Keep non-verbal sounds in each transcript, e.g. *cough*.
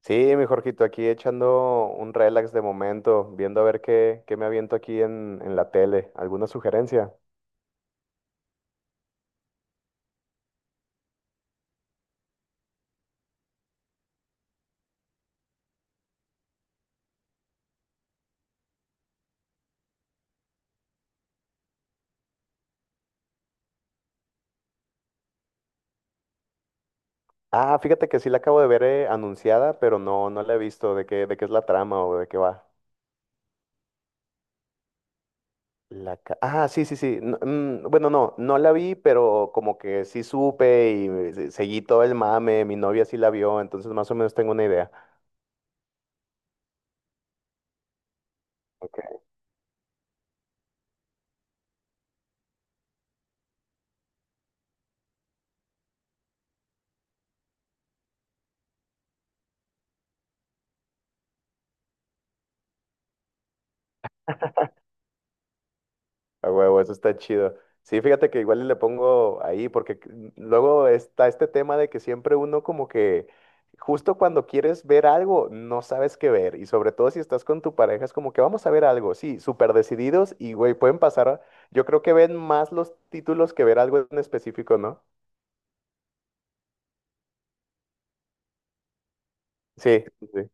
Sí, mi Jorgito, aquí echando un relax de momento, viendo a ver qué me aviento aquí en la tele. ¿Alguna sugerencia? Ah, fíjate que sí la acabo de ver anunciada, pero no, no la he visto. ¿De qué es la trama o de qué va? Ah, sí, sí, sí. No, bueno, no, no la vi, pero como que sí supe y seguí todo el mame. Mi novia sí la vio, entonces más o menos tengo una idea. A huevo, eso está chido. Sí, fíjate que igual y le pongo ahí, porque luego está este tema de que siempre uno como que justo cuando quieres ver algo, no sabes qué ver. Y sobre todo si estás con tu pareja, es como que vamos a ver algo, sí, súper decididos y, güey, pueden pasar, yo creo que ven más los títulos que ver algo en específico, ¿no? Sí, sí, sí.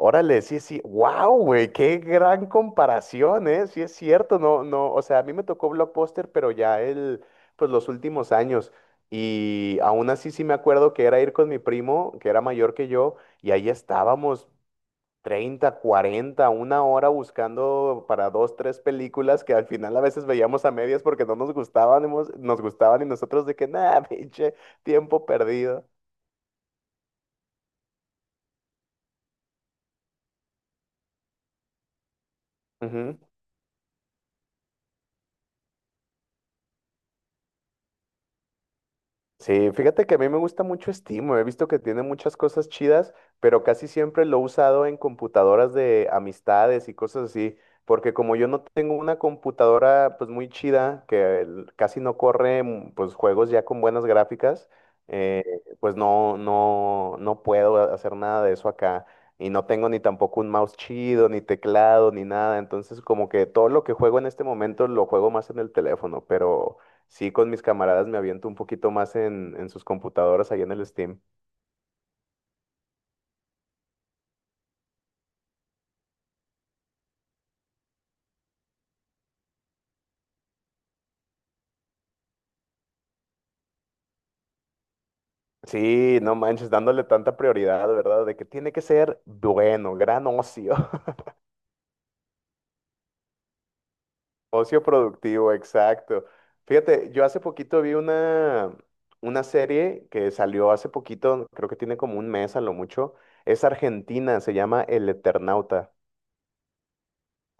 Órale, sí, sí, wow, güey, qué gran comparación, ¿eh? Sí es cierto, no, no, o sea, a mí me tocó Blockbuster, pero ya el, pues los últimos años, y aún así sí me acuerdo que era ir con mi primo, que era mayor que yo, y ahí estábamos 30 40 una hora buscando para dos, tres películas que al final a veces veíamos a medias porque no nos gustaban, nos gustaban y nosotros de que, nada, *laughs* pinche, tiempo perdido. Sí, fíjate que a mí me gusta mucho Steam, he visto que tiene muchas cosas chidas, pero casi siempre lo he usado en computadoras de amistades y cosas así, porque como yo no tengo una computadora pues muy chida, que casi no corre pues juegos ya con buenas gráficas, eh, pues no, no, no puedo hacer nada de eso acá. Y no tengo ni tampoco un mouse chido, ni teclado, ni nada. Entonces, como que todo lo que juego en este momento lo juego más en el teléfono, pero... Sí, con mis camaradas me aviento un poquito más en sus computadoras ahí en el Steam. Sí, no manches, dándole tanta prioridad, ¿verdad? De que tiene que ser bueno, gran ocio. *laughs* Ocio productivo, exacto. Fíjate, yo hace poquito vi una serie que salió hace poquito, creo que tiene como un mes a lo mucho. Es argentina, se llama El Eternauta.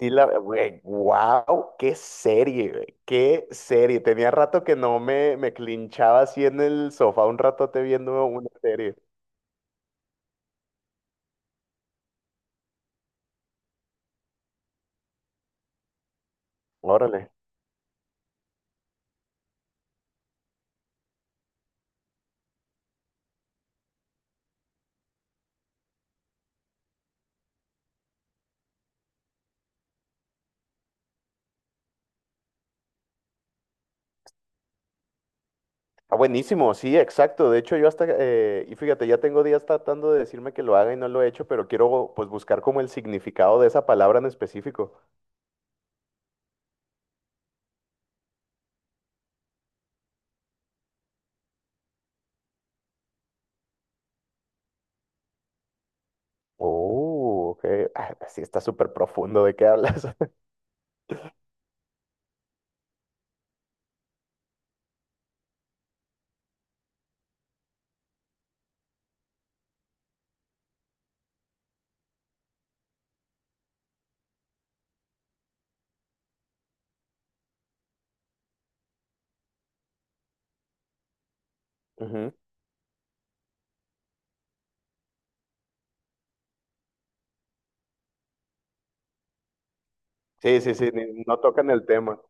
Sí, la, güey, wow, qué serie, güey, qué serie. Tenía rato que no me clinchaba así en el sofá un ratote viendo una serie. Órale. Ah, buenísimo, sí, exacto. De hecho, yo hasta, y fíjate, ya tengo días tratando de decirme que lo haga y no lo he hecho, pero quiero pues buscar como el significado de esa palabra en específico. Oh, ok. Ah, sí, está súper profundo de qué hablas. *laughs* Ujú. Sí, sí, sí, no tocan el tema.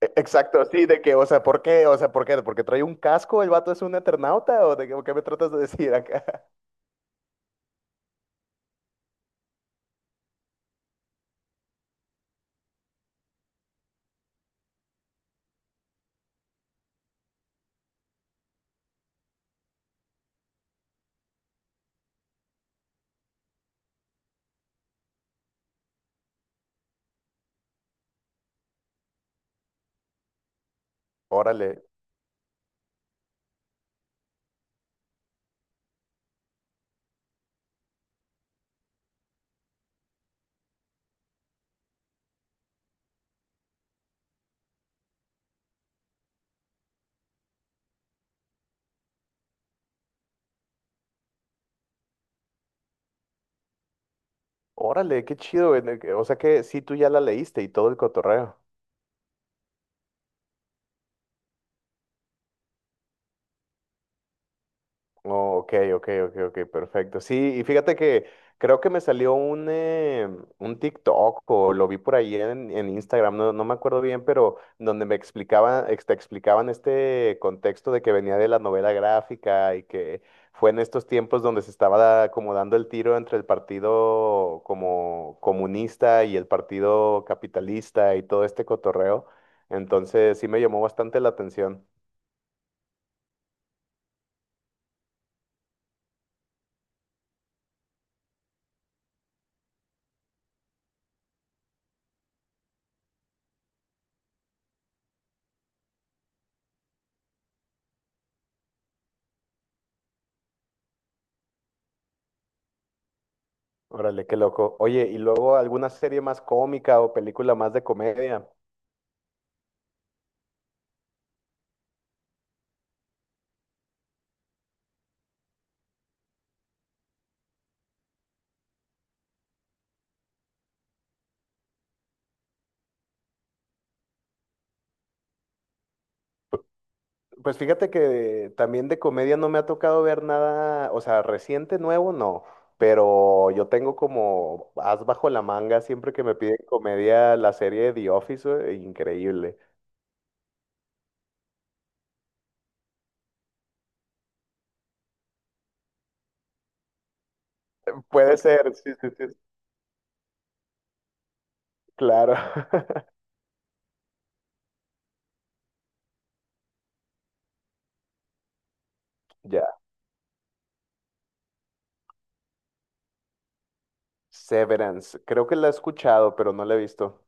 Exacto, sí, de que, o sea, ¿por qué? O sea, ¿por qué? ¿Porque trae un casco? ¿El vato es un eternauta? ¿O de qué, o qué me tratas de decir acá? *laughs* Órale, órale, qué chido, güey, o sea que sí, tú ya la leíste y todo el cotorreo. Oh, ok, perfecto. Sí, y fíjate que creo que me salió un TikTok o lo vi por ahí en Instagram, no, no me acuerdo bien, pero donde me explicaban, te explicaban este contexto de que venía de la novela gráfica y que fue en estos tiempos donde se estaba como dando el tiro entre el partido como comunista y el partido capitalista y todo este cotorreo. Entonces sí me llamó bastante la atención. Órale, qué loco. Oye, y luego alguna serie más cómica o película más de comedia. Pues fíjate que también de comedia no me ha tocado ver nada, o sea, reciente, nuevo, no. Pero yo tengo como as bajo la manga siempre que me piden comedia la serie The Office, increíble. Puede ser, sí, sí, sí, sí, claro. *laughs* Ya. Severance. Creo que la he escuchado, pero no la he visto.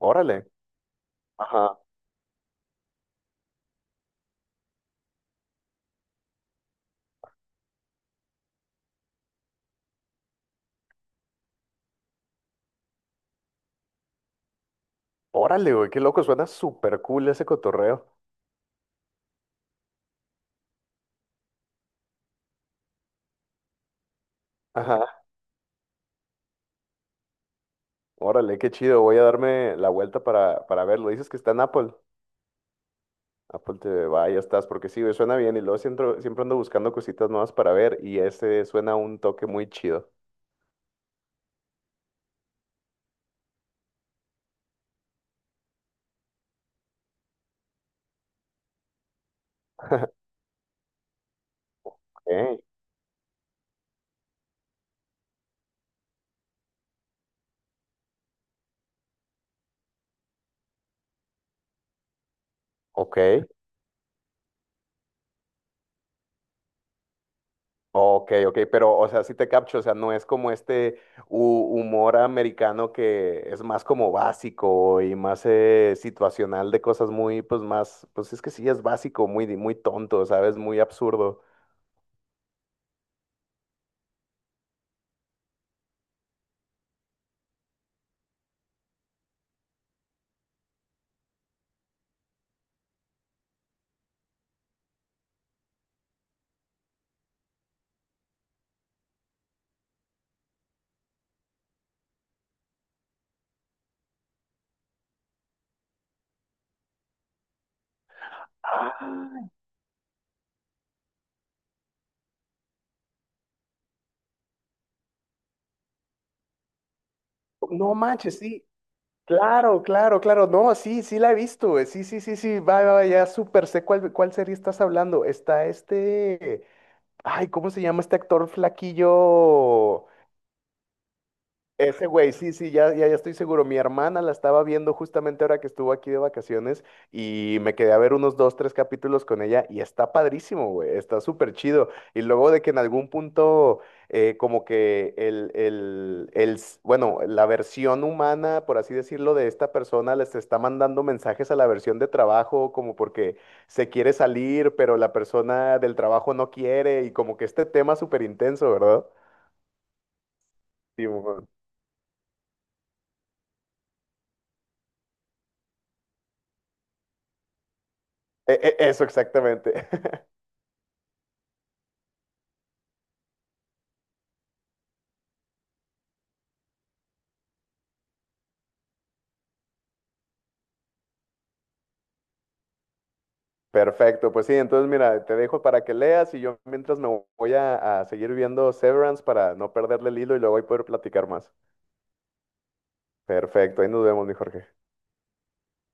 Órale. Ajá. Órale, güey, qué loco. Suena súper cool ese cotorreo. Ajá. Órale, qué chido. Voy a darme la vuelta para verlo. Dices que está en Apple. Apple TV, va, ya estás, porque sí, güey, suena bien. Y luego siempre, siempre ando buscando cositas nuevas para ver. Y ese suena un toque muy chido. Ok, ok, ok. Pero, o sea, sí te capcho. O sea, no es como este humor americano que es más como básico y más situacional de cosas muy, pues más, pues es que sí es básico, muy, muy tonto, ¿sabes? Muy absurdo. Ah, no manches, sí. Claro, claro, claro. No, sí, sí la he visto, güey. Sí, sí, sí, sí. Va, va, va, ya súper sé cuál serie estás hablando. Está este. Ay, ¿cómo se llama este actor flaquillo? Ese güey, sí, sí, ya, ya, ya estoy seguro. Mi hermana la estaba viendo justamente ahora que estuvo aquí de vacaciones y me quedé a ver unos dos, tres capítulos con ella y está padrísimo, güey, está súper chido. Y luego de que en algún punto, como que bueno, la versión humana, por así decirlo, de esta persona les está mandando mensajes a la versión de trabajo, como porque se quiere salir, pero la persona del trabajo no quiere y como que este tema súper intenso, ¿verdad? Sí, mon. Eso exactamente. *laughs* Perfecto, pues sí, entonces mira, te dejo para que leas y yo mientras me voy a seguir viendo Severance para no perderle el hilo y luego ahí poder platicar más. Perfecto, ahí nos vemos, mi Jorge.